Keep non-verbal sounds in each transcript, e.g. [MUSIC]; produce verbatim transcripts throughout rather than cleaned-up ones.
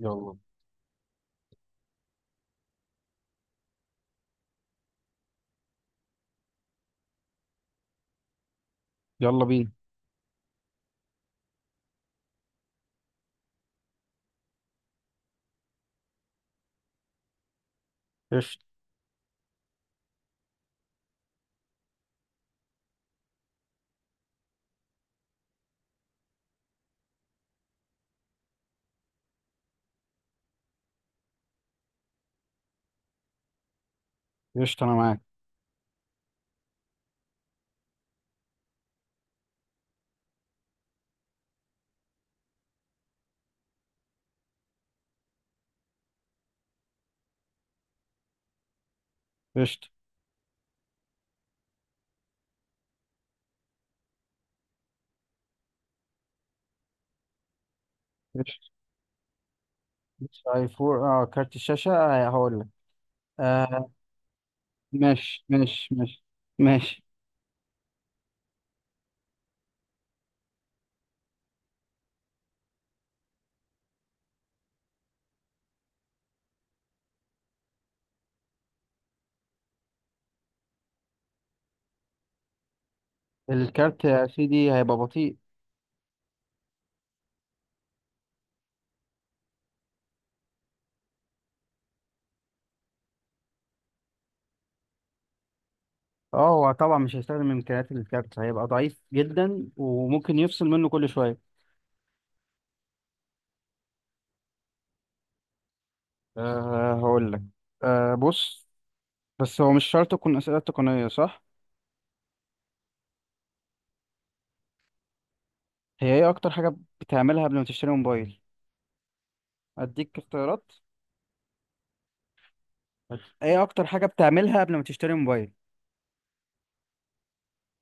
يلا يلا بينا. قشطة قشطة، أنا معاك. قشطة قشطة قشطة. أي فور. أه كارت الشاشة، آه، هقول لك. آه ماشي ماشي ماشي ماشي. الكارت يا سيدي هيبقى بطيء. أه، هو طبعا مش هيستخدم إمكانيات الكارت، هيبقى ضعيف جدا وممكن يفصل منه كل شوية. آه هقول لك. آه بص، بس هو مش شرط تكون أسئلة تقنية صح؟ هي إيه أكتر حاجة بتعملها قبل ما تشتري موبايل؟ أديك اختيارات. إيه أكتر حاجة بتعملها قبل ما تشتري موبايل؟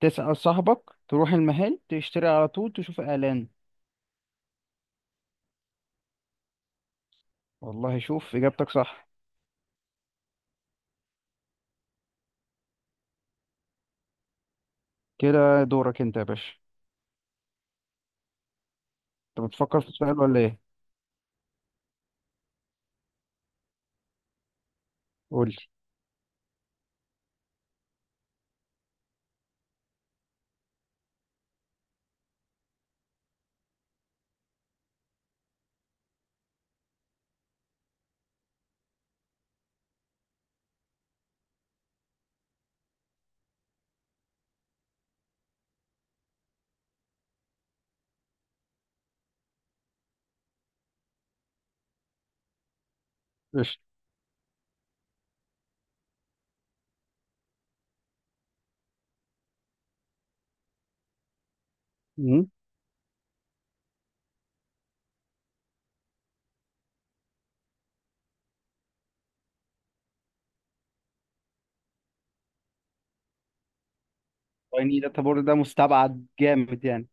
تسأل صاحبك، تروح المحل تشتري على طول، تشوف إعلان. والله شوف إجابتك صح. كده دورك أنت يا باشا. أنت بتفكر في السؤال ولا إيه؟ قول لي. قشطة. مم. يعني داتا بورد ده مستبعد جامد يعني.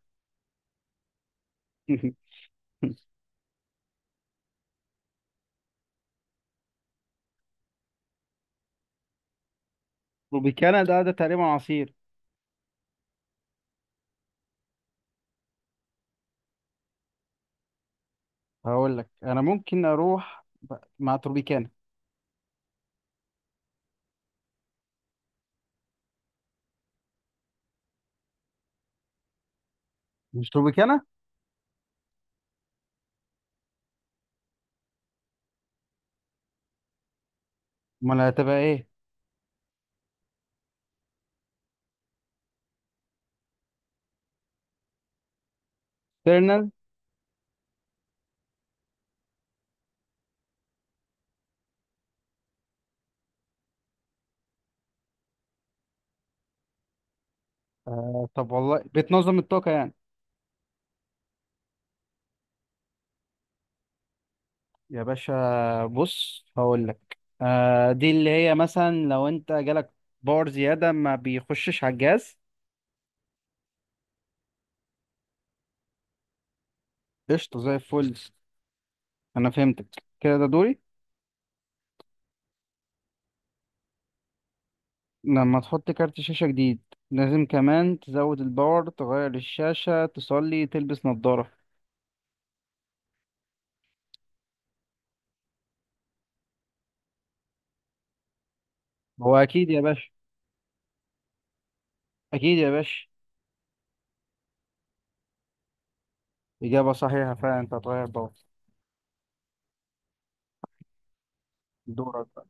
[LAUGHS] روبيكانا ده ده تقريبا عصير. هقول لك أنا ممكن أروح ب- مع تروبيكانا، مش روبيكانا. أمال هتبقى إيه؟ تيرنال. آه طب والله بتنظم الطاقة يعني. يا باشا بص هقول لك، آه دي اللي هي مثلا لو انت جالك باور زيادة ما بيخشش على الجهاز. قشطة زي الفل. انا فهمتك. كده ده دوري. لما تحط كارت شاشة جديد لازم كمان تزود الباور، تغير الشاشة، تصلي، تلبس نظارة. هو اكيد يا باشا اكيد يا باشا اجابة صحيحة فعلا، انت هتغير باور. دورك بقى.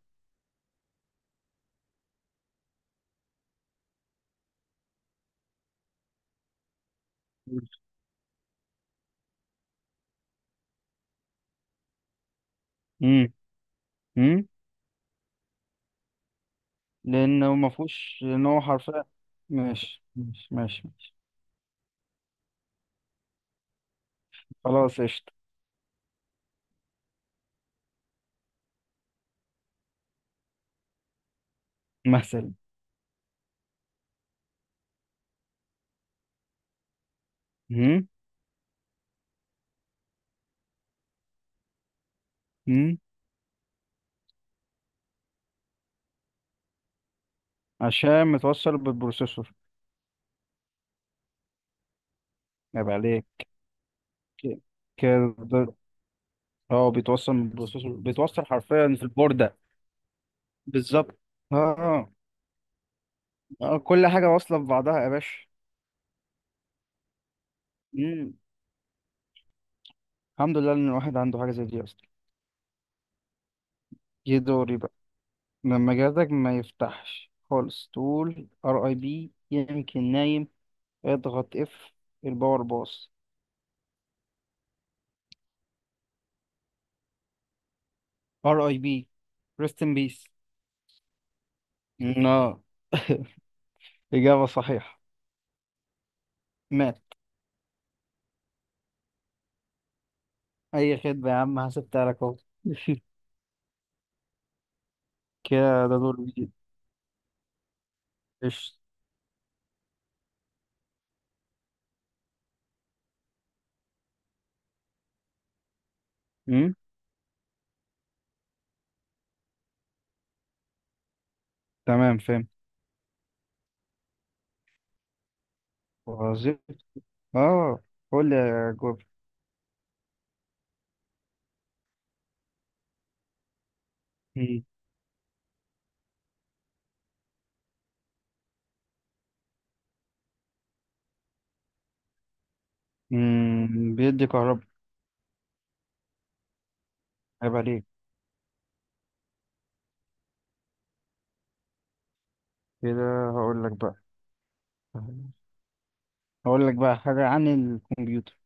امم. امم. لانه ما فيهوش، لان هو حرفيا. ماشي ماشي ماشي ماشي. خلاص قشطة. مثلا. مم. مم. عشان متوصل بالبروسيسور. يبقى عليك. ك- كده. اه، بيتوصل بالبروسيسور، بيتوصل حرفيا في البوردة. بالظبط. اه. آه. آه، كل حاجة واصلة ببعضها يا باشا. مم. الحمد لله ان الواحد عنده حاجة زي دي اصلا. جه دوري بقى. لما جهازك ما يفتحش خالص تقول ار اي بي يمكن نايم، اضغط اف، الباور باص، ار اي بي، ريست ان بيس. اه، إجابة صحيحة. مات. أي خدمة يا عم، هسبتها لك. كده ده دور جديد. قشطة. أمم، تمام فاهم. وظيفة. اه، قول لي يا جوب. أمم. أمم، بيدي كهرباء. عيب عليك. كده هقول لك بقى. هقول لك بقى حاجة عن الكمبيوتر.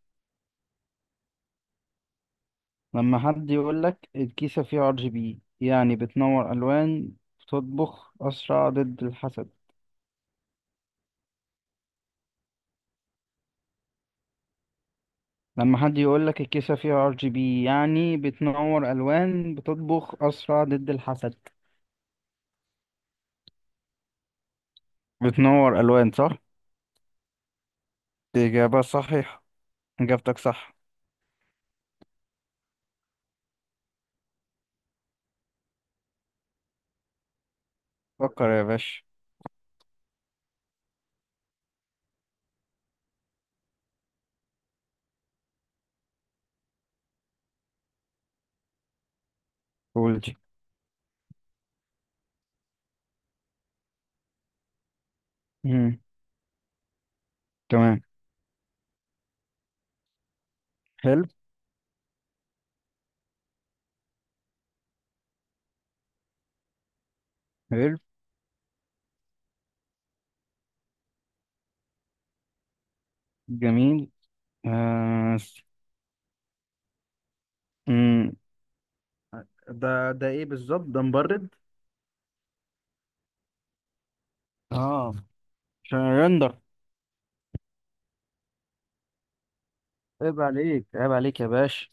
لما حد يقول لك الكيسة فيها ار جي بي يعني بتنور ألوان، بتطبخ أسرع، ضد الحسد. لما حد يقول لك الكيسة فيها ار جي بي يعني بتنور ألوان، بتطبخ أسرع، ضد الحسد. بتنور ألوان صح؟ إجابة صحيحة. إجابتك صح. فكر يا باشا. قول دي. مم. تمام. حلو. حلو. جميل. آه. س- مم. ده ده ايه بالظبط؟ ده مبرد؟ اه، عشان الرندر. عيب عليك، عيب عليك يا باشا.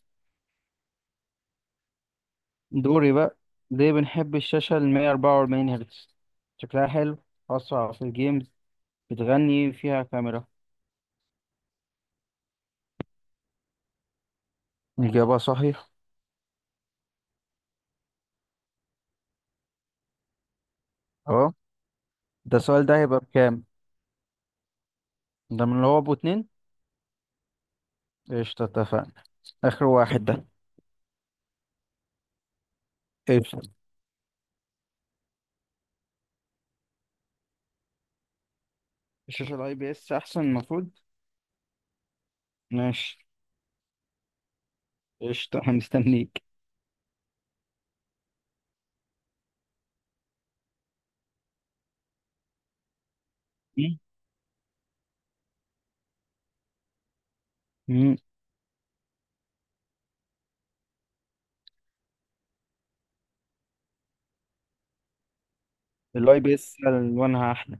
دوري بقى. ليه بنحب الشاشة ال مية أربعة وأربعين هرتز؟ شكلها حلو؟ أسرع في الجيمز؟ بتغني فيها كاميرا؟ إجابة صحيحة. اه ده السؤال ده هيبقى بكام؟ ده من اللي هو أبو اتنين؟ قشطة اتفقنا. آخر واحد ده. قشطة. الشاشة ال I P S أحسن المفروض. ماشي. قشطة أنا مستنيك. مم. مم. الاي بي اس الوانها احلى.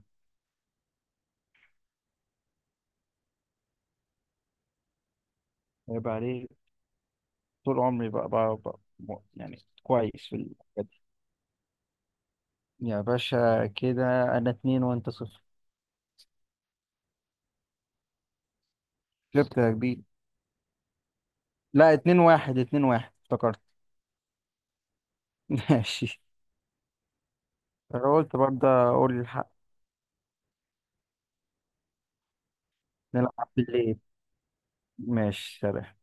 هيبقى عليه. طول عمري بقى, بقى, بقى م- يعني كويس في الحاجات دي. يا باشا كده انا اتنين وانت صفر. جبت يا كبير. لا اتنين واحد اتنين واحد افتكرت. [LAUGHS] ماشي. انا قلت برضه اقول الحق. نلعب بالليل. ماشي سلام.